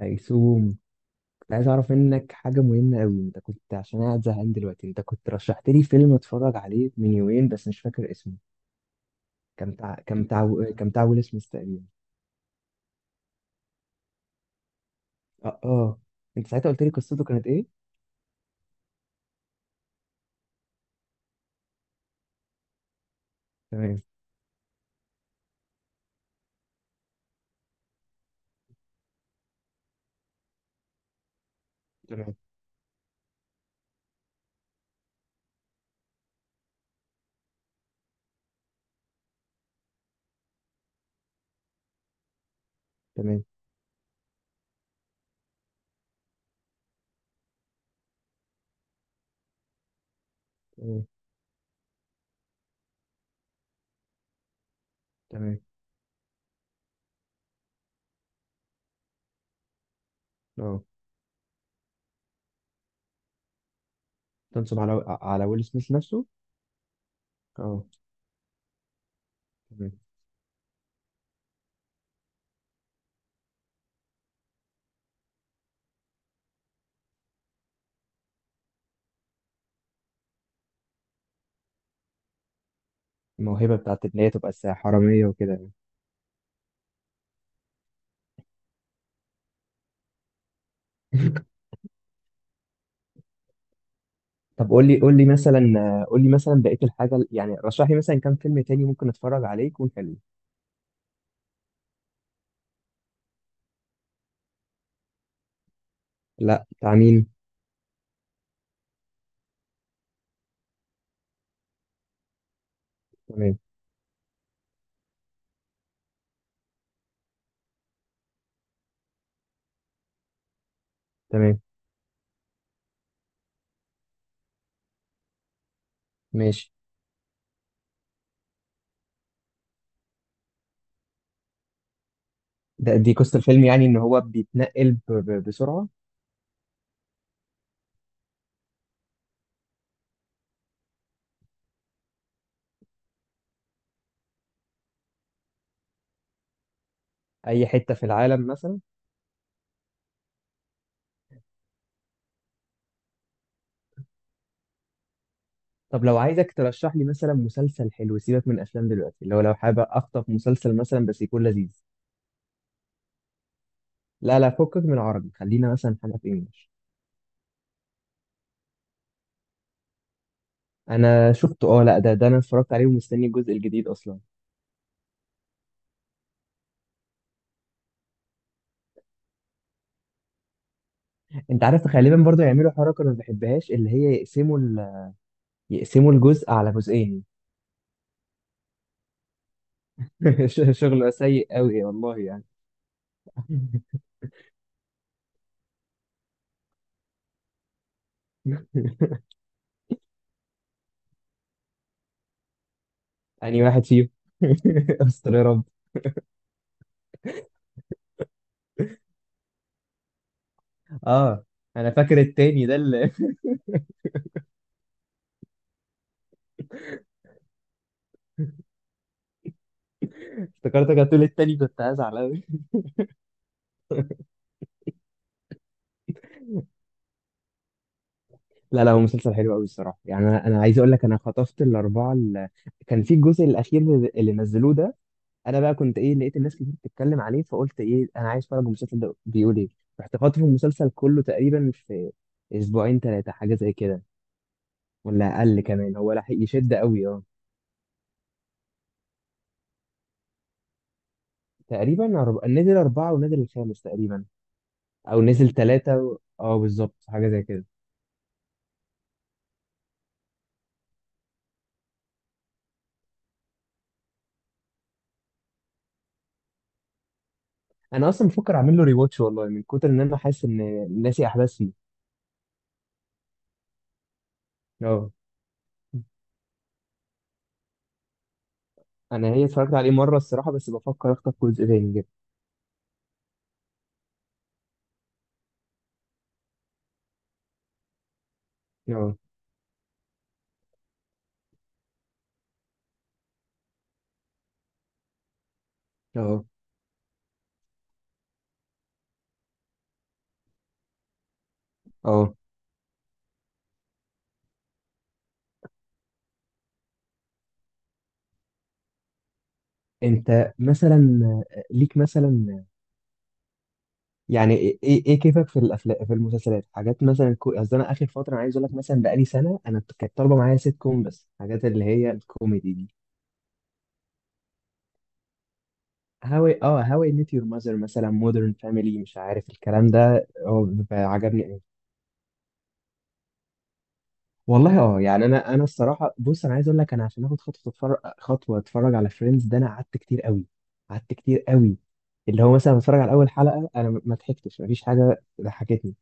هيسوم، كنت عايز اعرف منك حاجه مهمه قوي. انت كنت، عشان أنا قاعد زهقان دلوقتي، انت كنت رشحت لي فيلم اتفرج عليه من يومين بس مش فاكر اسمه. كان بتاع كان بتاع كان بتاع ويل سميث تقريبا. اه اه. انت ساعتها قلت لي قصته كانت ايه؟ تمام. تمام. تمام. تمام. تمام. اه، تنصب على ويل سميث نفسه. اه. تمام. الموهبه بتاعت ان هي تبقى حراميه وكده يعني. طب قول لي مثلا، قول لي مثلا بقيه الحاجه، يعني رشح لي مثلا كام فيلم تاني ممكن اتفرج عليه يكون حلو. لا، بتاع مين؟ تمام. تمام. ماشي. دي قصة الفيلم يعني، ان هو بيتنقل بسرعة. اي حتة في العالم مثلا. طب لو عايزك ترشح لي مثلا مسلسل حلو، سيبك من افلام دلوقتي، اللي هو لو حابب اخطف مسلسل مثلا بس يكون لذيذ. لا لا، فكك من عربي، خلينا مثلا حاجة في انجلش. انا شفته، اه. لا، ده انا اتفرجت عليه ومستني الجزء الجديد اصلا. انت عارف غالبا برضه يعملوا حركة انا ما بحبهاش، اللي هي يقسموا يقسموا الجزء على جزئين. شغل سيء قوي والله يعني. أنهي واحد فيهم؟ استر يا رب. اه، انا فاكر التاني ده اللي افتكرتك هتقول التاني، كنت هزعل قوي. لا لا، هو مسلسل حلو قوي الصراحه يعني. انا عايز اقول لك، انا خطفت الاربعه اللي كان في الجزء الاخير اللي نزلوه ده. انا بقى كنت ايه، لقيت الناس كتير بتتكلم عليه، فقلت ايه انا عايز اتفرج المسلسل ده بيقول ايه. رحت خاطف المسلسل كله تقريبا في اسبوعين ثلاثه، حاجه زي كده. ولا اقل كمان، هو لحق يشد قوي اه. تقريبا نزل اربعه ونزل الخامس تقريبا. او نزل ثلاثه و... اه بالظبط، حاجه زي كده. انا اصلا بفكر اعمل له ريواتش والله، من كتر ان انا حاسس ان ناسي احداث فيه. اه. انا هي اتفرجت عليه مره الصراحه، بس بفكر اخطف جزء تاني كده. اه. اه. اه. انت مثلا، ليك مثلا، يعني ايه إيه كيفك في الافلام، في المسلسلات؟ حاجات مثلا قصدي انا اخر فتره، انا عايز اقول لك مثلا بقالي سنه انا كانت طالبه معايا سيت كوم، بس حاجات اللي هي الكوميدي دي. هاوي، اه، هاوي ميت يور ماذر مثلا، مودرن فاميلي، مش عارف الكلام ده هو بيبقى عجبني أوي. والله اه يعني، انا الصراحه بص، انا عايز اقول لك، انا عشان اخد خطوه اتفرج، خطوه اتفرج على فريندز ده، انا قعدت كتير قوي. قعدت كتير قوي. اللي هو مثلا بتفرج على اول حلقه، انا ما ضحكتش، مفيش حاجه ضحكتني.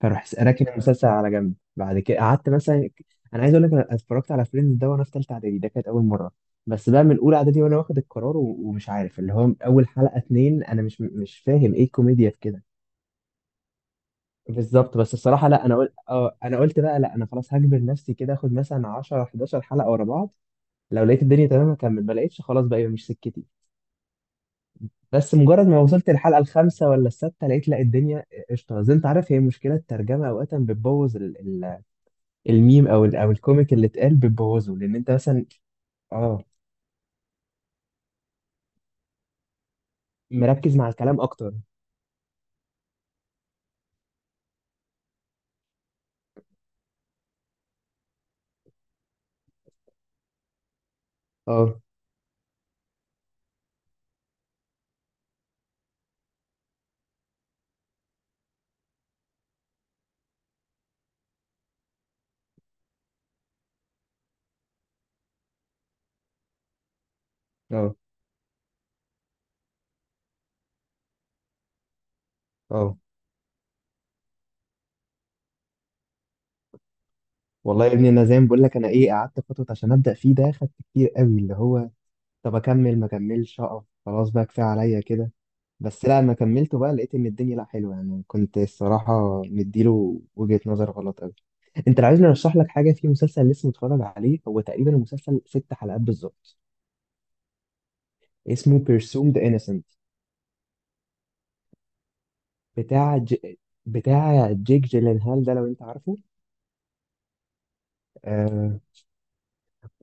فاروح راكن المسلسل على جنب. بعد كده قعدت مثلا، انا عايز اقول لك، انا اتفرجت على فريندز ده وانا في ثالثه اعدادي، ده كانت اول مره. بس بقى من اولى اعدادي وانا واخد القرار ومش عارف، اللي هو اول حلقه اتنين انا مش فاهم ايه الكوميديا في كده. بالظبط. بس الصراحه لا، انا قلت اه، انا قلت بقى لا، انا خلاص هجبر نفسي كده، اخد مثلا 10 11 حلقه ورا بعض. لو لقيت الدنيا تمام هكمل، ما لقيتش خلاص بقى يبقى مش سكتي. بس مجرد ما وصلت الحلقه الخامسه ولا السادسه، لقيت لا، الدنيا قشطه. زي انت عارف، هي مشكله الترجمه اوقات بتبوظ ال- الميم، او او الكوميك اللي اتقال بتبوظه، لان انت مثلا اه، مركز مع الكلام اكتر. اه. اه. اه. والله يا ابني، انا زي ما بقول لك، انا ايه، قعدت فتره عشان ابدا فيه، ده خدت كتير قوي اللي هو، طب اكمل ما اكملش، اقف خلاص بقى كفايه عليا كده. بس لا، لما كملته بقى لقيت ان الدنيا لا حلوه يعني، كنت الصراحه مديله وجهه نظر غلط قوي. انت لو عايزني ارشح لك حاجه في مسلسل لسه متفرج عليه، هو تقريبا المسلسل ست حلقات بالظبط. اسمه Presumed Innocent. بتاع بتاع جيك جيلنهال ده، لو انت عارفه. آه،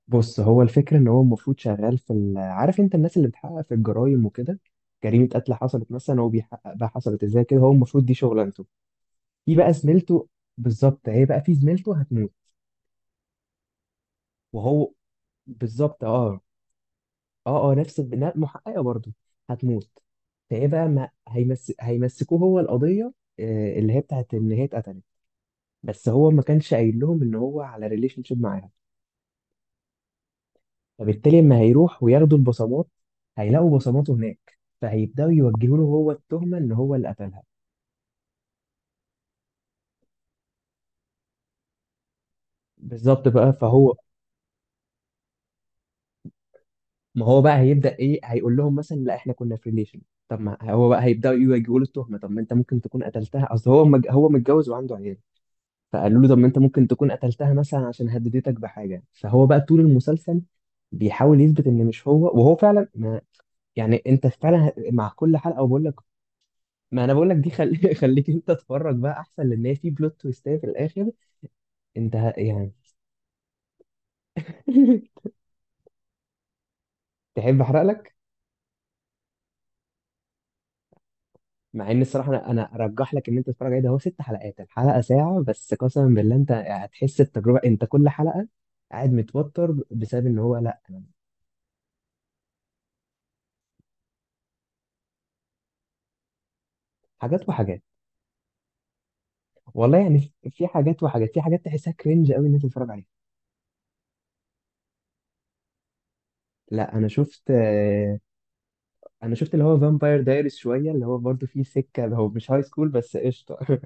بص، هو الفكره ان هو المفروض شغال في ال... عارف انت الناس اللي بتحقق في الجرايم وكده. جريمه قتل حصلت مثلا، هو بيحقق بقى حصلت ازاي كده، هو المفروض دي شغلانته. في بقى زميلته. بالظبط، هي بقى في زميلته هتموت. وهو، بالظبط اه. اه اه، نفس البناء، محققه برضه، هتموت. فايه بقى، ما هيمسكوه هو القضيه، آه، اللي هي بتاعت ان هي اتقتلت. بس هو ما كانش قايل لهم ان هو على ريليشن شيب معاها. فبالتالي اما هيروح وياخدوا البصمات، هيلاقوا بصماته هناك، فهيبداوا يوجهوا له هو التهمه ان هو اللي قتلها. بالظبط بقى. فهو، ما هو بقى هيبدأ ايه، هيقول لهم مثلا لا، احنا كنا في ريليشن. طب ما هو بقى هيبدأوا يواجهوا له التهمة، طب ما انت ممكن تكون قتلتها، اصل هو هو متجوز وعنده عيال. فقالوا له طب ما انت ممكن تكون قتلتها مثلا عشان هددتك بحاجة. فهو بقى طول المسلسل بيحاول يثبت ان مش هو، وهو فعلا ما، يعني انت فعلا مع كل حلقة وبقول لك، ما انا بقول لك دي خليك انت تتفرج بقى احسن، لان هي في بلوت تويستات في الاخر. انت يعني تحب احرق لك؟ مع ان الصراحه، انا ارجح لك ان انت تتفرج عليه، ده هو ست حلقات، الحلقه ساعه، بس قسما بالله انت هتحس التجربه، انت كل حلقه قاعد متوتر بسبب ان هو لا حاجات وحاجات. والله يعني، في حاجات وحاجات، في حاجات تحسها كرنج قوي ان انت تتفرج عليها. لا انا شفت، آه، انا شفت اللي هو فامباير دايريز شويه، اللي هو برضه فيه سكه، هو مش هاي سكول بس قشطه.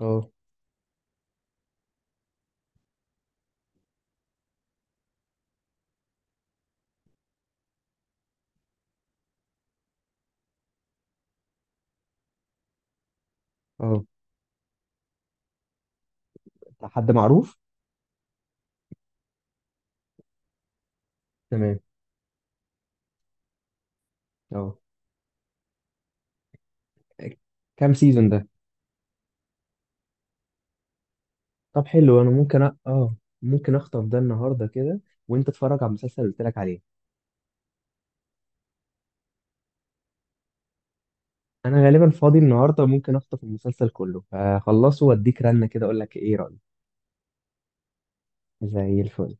اه. اه. حد معروف؟ تمام. اه. كام سيزون ده؟ طب حلو، انا ممكن اه، ممكن اخطف ده النهارده كده، وانت اتفرج على المسلسل اللي قلت لك عليه. انا غالبا فاضي النهارده، ممكن اخطف المسلسل كله، هخلصه واديك رنه كده اقول لك ايه رايك. زي الفل.